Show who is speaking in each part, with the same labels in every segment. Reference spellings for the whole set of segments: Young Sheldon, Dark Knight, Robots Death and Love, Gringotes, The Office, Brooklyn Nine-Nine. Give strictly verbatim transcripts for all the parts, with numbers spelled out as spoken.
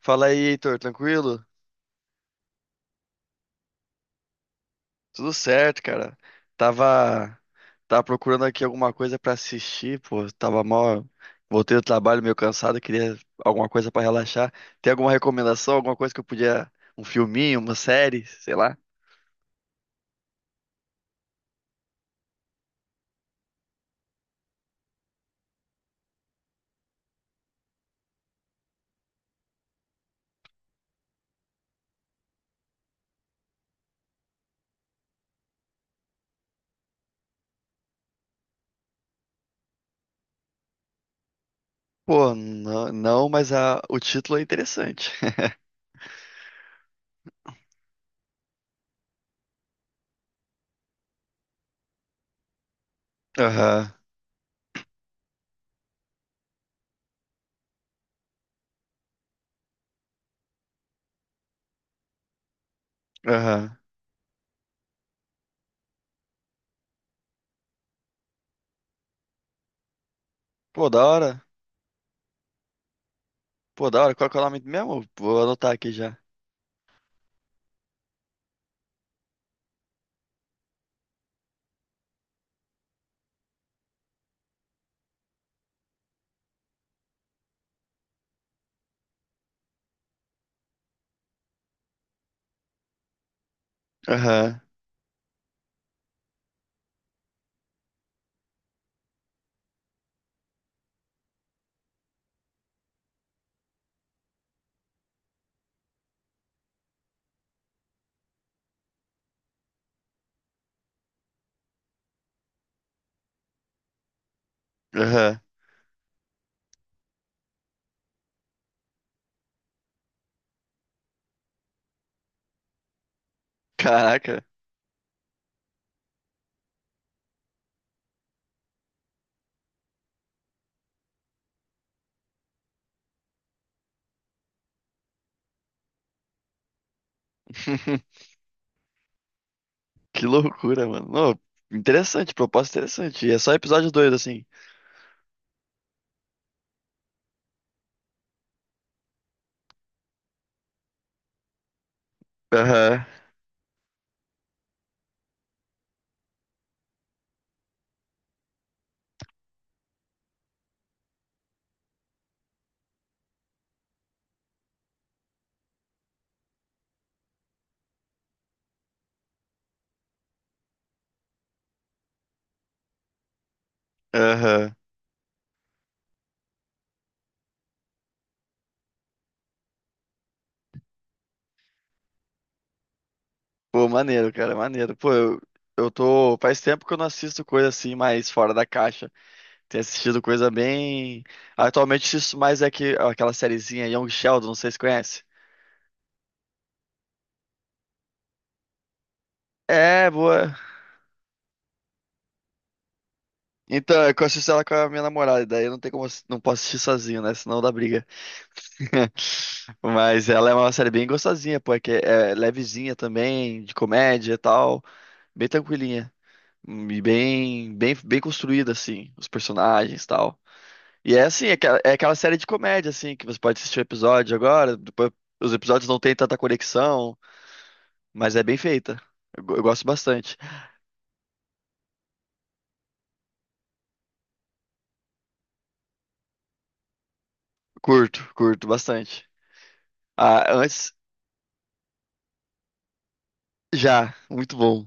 Speaker 1: Fala aí, Heitor, tranquilo? Tudo certo, cara. Tava, tava procurando aqui alguma coisa pra assistir, pô. Tava mal. Voltei do trabalho meio cansado, queria alguma coisa pra relaxar. Tem alguma recomendação, alguma coisa que eu podia, um filminho, uma série, sei lá? Pô, não, não, mas a, o título é interessante. Aham, aham. Pô, da hora. Pô, da hora. Qual que é o nome mesmo? Vou anotar aqui já. Aham, aham. Caraca. Que loucura, mano. Não, interessante, proposta interessante. E é só episódio dois assim. Aham, aham. Pô, maneiro, cara, maneiro. Pô, eu, eu tô. Faz tempo que eu não assisto coisa assim, mais fora da caixa. Tenho assistido coisa bem. Atualmente assisto mais é que, aquela sériezinha Young Sheldon, não sei se conhece. É, boa. Então, é que eu assisto ela com a minha namorada, e daí eu não tem como, ass- não posso assistir sozinho, né? Senão dá briga. Mas ela é uma série bem gostosinha, pô, é que é levezinha também, de comédia e tal. Bem tranquilinha. E bem, bem, bem construída, assim, os personagens e tal. E é assim, é aquela, é aquela série de comédia, assim, que você pode assistir o episódio agora, depois os episódios não têm tanta conexão, mas é bem feita. Eu, go- eu gosto bastante. Curto, curto bastante. Ah, antes, já, muito bom.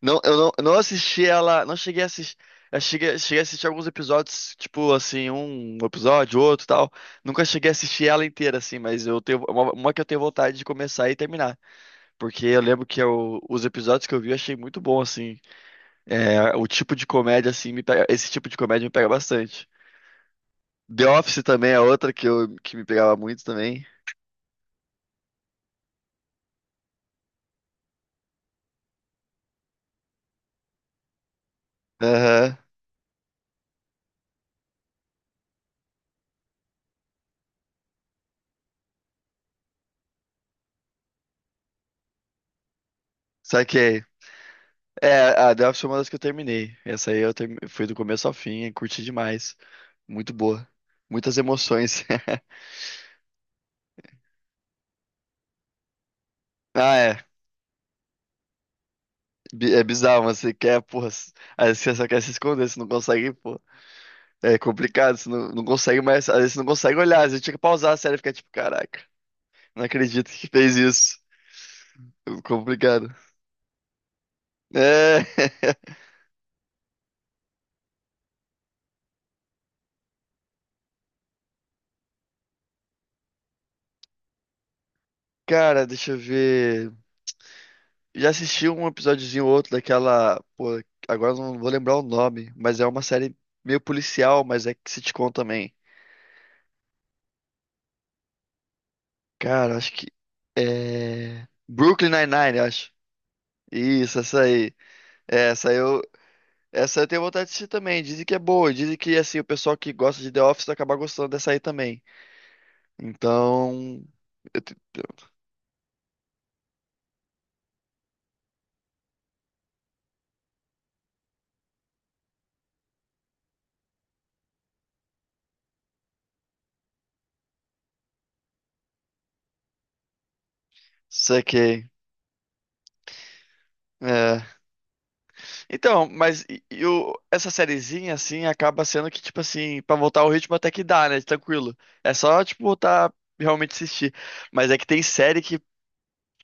Speaker 1: Não, eu não, eu não assisti ela, não cheguei a assistir. Eu cheguei, cheguei a assistir alguns episódios, tipo assim, um episódio, outro e tal. Nunca cheguei a assistir ela inteira, assim, mas eu tenho uma, uma que eu tenho vontade de começar e terminar. Porque eu lembro que eu- os episódios que eu vi eu achei muito bom, assim. É, o tipo de comédia, assim, me pega- esse tipo de comédia me pega bastante. The Office também é outra que, eu, que me pegava muito também. Aham, saquei. É, a The Office foi uma das que eu terminei. Essa aí eu termi- fui do começo ao fim, e curti demais. Muito boa. Muitas emoções. Ah, é. Bi- É bizarro, mas você quer, porra. s- Às vezes você só quer se esconder, você não consegue, pô. É complicado, você não, não consegue mais. Às vezes você não consegue olhar, às vezes tinha que pausar a série e ficar tipo, caraca. Não acredito que fez isso. Complicado. É. Cara, deixa eu ver. Já assisti um episódiozinho ou outro daquela. Pô, agora eu não vou lembrar o nome, mas é uma série meio policial, mas é sitcom também. Cara, acho que. É. Brooklyn Nine-Nine, eu acho. Isso, essa aí. É, essa eu. Essa eu tenho vontade de assistir também. Dizem que é boa. Dizem que, assim, o pessoal que gosta de The Office vai acabar gostando dessa aí também. Então. Eu te- Saquei. É. Então, mas e- e o- essa sériezinha, assim, acaba sendo que, tipo assim, pra voltar ao ritmo até que dá, né? Tranquilo. É só, tipo, voltar realmente assistir. Mas é que tem série que,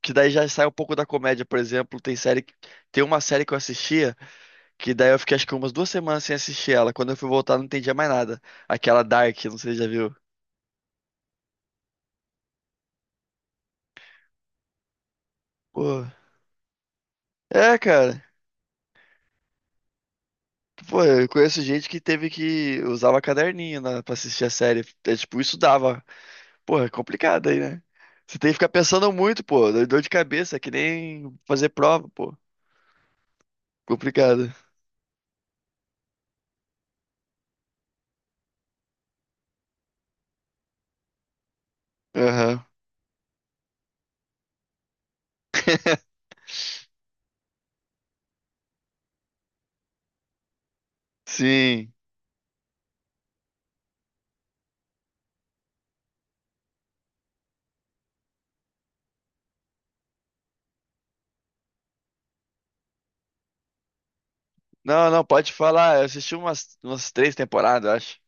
Speaker 1: que daí já sai um pouco da comédia, por exemplo. Tem série, que- tem uma série que eu assistia, que daí eu fiquei acho que umas duas semanas sem assistir ela. Quando eu fui voltar, não entendia mais nada. Aquela Dark, não sei se você já viu. Pô. É, cara. Pô, eu conheço gente que teve que usava caderninho, né, pra assistir a série. É, tipo, isso dava. Pô, é complicado aí, né? Você tem que ficar pensando muito, pô. Dá dor de cabeça, é que nem fazer prova, pô. Complicado. Aham. Sim. Não, não, pode falar. Eu assisti umas, umas três temporadas, eu acho.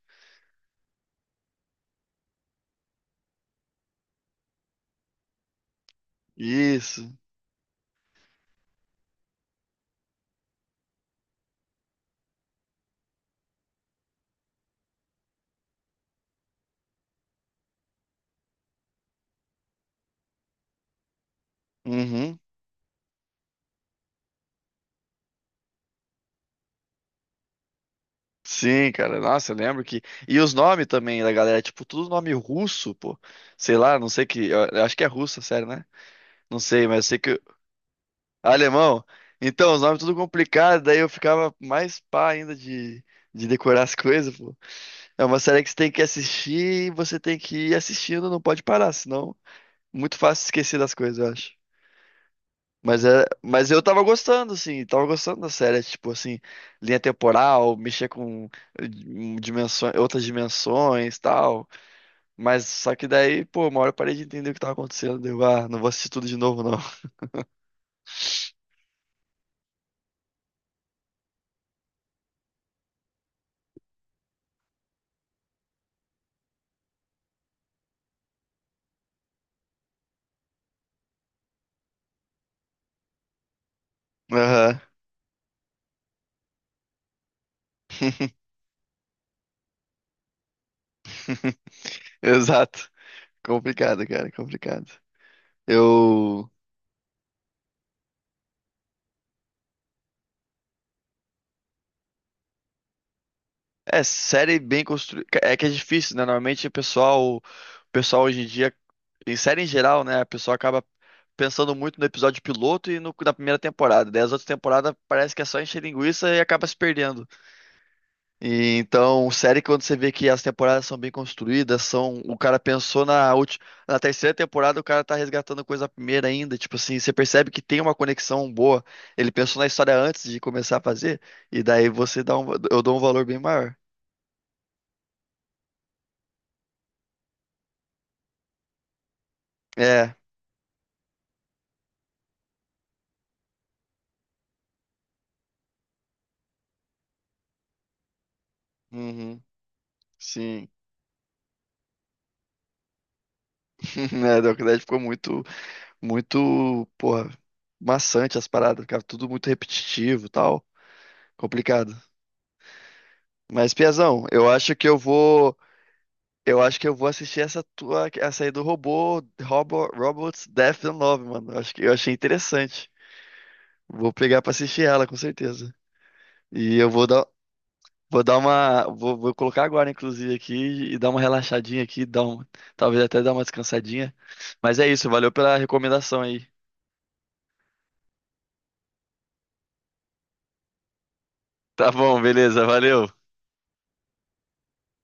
Speaker 1: Isso. Uhum. Sim, cara. Nossa, eu lembro que. E os nomes também da galera, tipo, tudo nome russo, pô. Sei lá, não sei que. Eu eu acho que é russo, sério, né? Não sei, mas eu sei que. Alemão. Então, os nomes tudo complicado, daí eu ficava mais pá ainda de, de decorar as coisas, pô. É uma série que você tem que assistir e você tem que ir assistindo, não pode parar, senão é muito fácil esquecer das coisas, eu acho. Mas é, mas eu tava gostando, assim, tava gostando da série, é tipo assim, linha temporal, mexer com eh, dimensões, outras dimensões, tal. Mas só que daí, pô, uma hora eu parei de entender o que tava acontecendo, deu, ah, não vou assistir tudo de novo, não. Aham. Exato. Complicado, cara, complicado. Eu é, série bem construída. É que é difícil, né? Normalmente o pessoal, o pessoal hoje em dia, em série em geral, né? A pessoa acaba pensando muito no episódio piloto e no da primeira temporada. Daí as outras temporadas parece que é só encher linguiça e acaba se perdendo. E, então, série que quando você vê que as temporadas são bem construídas, são o cara pensou na última, na terceira temporada, o cara tá resgatando coisa da primeira ainda, tipo assim, você percebe que tem uma conexão boa. Ele pensou na história antes de começar a fazer e daí você dá um... eu dou um valor bem maior. É. Uhum, sim. É, Dark Knight ficou muito, muito, porra, maçante as paradas, ficava tudo muito repetitivo e tal, complicado. Mas, Piazão, eu acho que eu vou, eu acho que eu vou assistir essa tua, essa aí do robô, Robo, Robots Death and Love, mano. Eu acho que eu achei interessante. Vou pegar pra assistir ela, com certeza. E eu vou dar, vou dar uma, vou, vou colocar agora, inclusive, aqui e dar uma relaxadinha aqui, dar um, talvez até dar uma descansadinha. Mas é isso, valeu pela recomendação aí. Tá bom, beleza, valeu.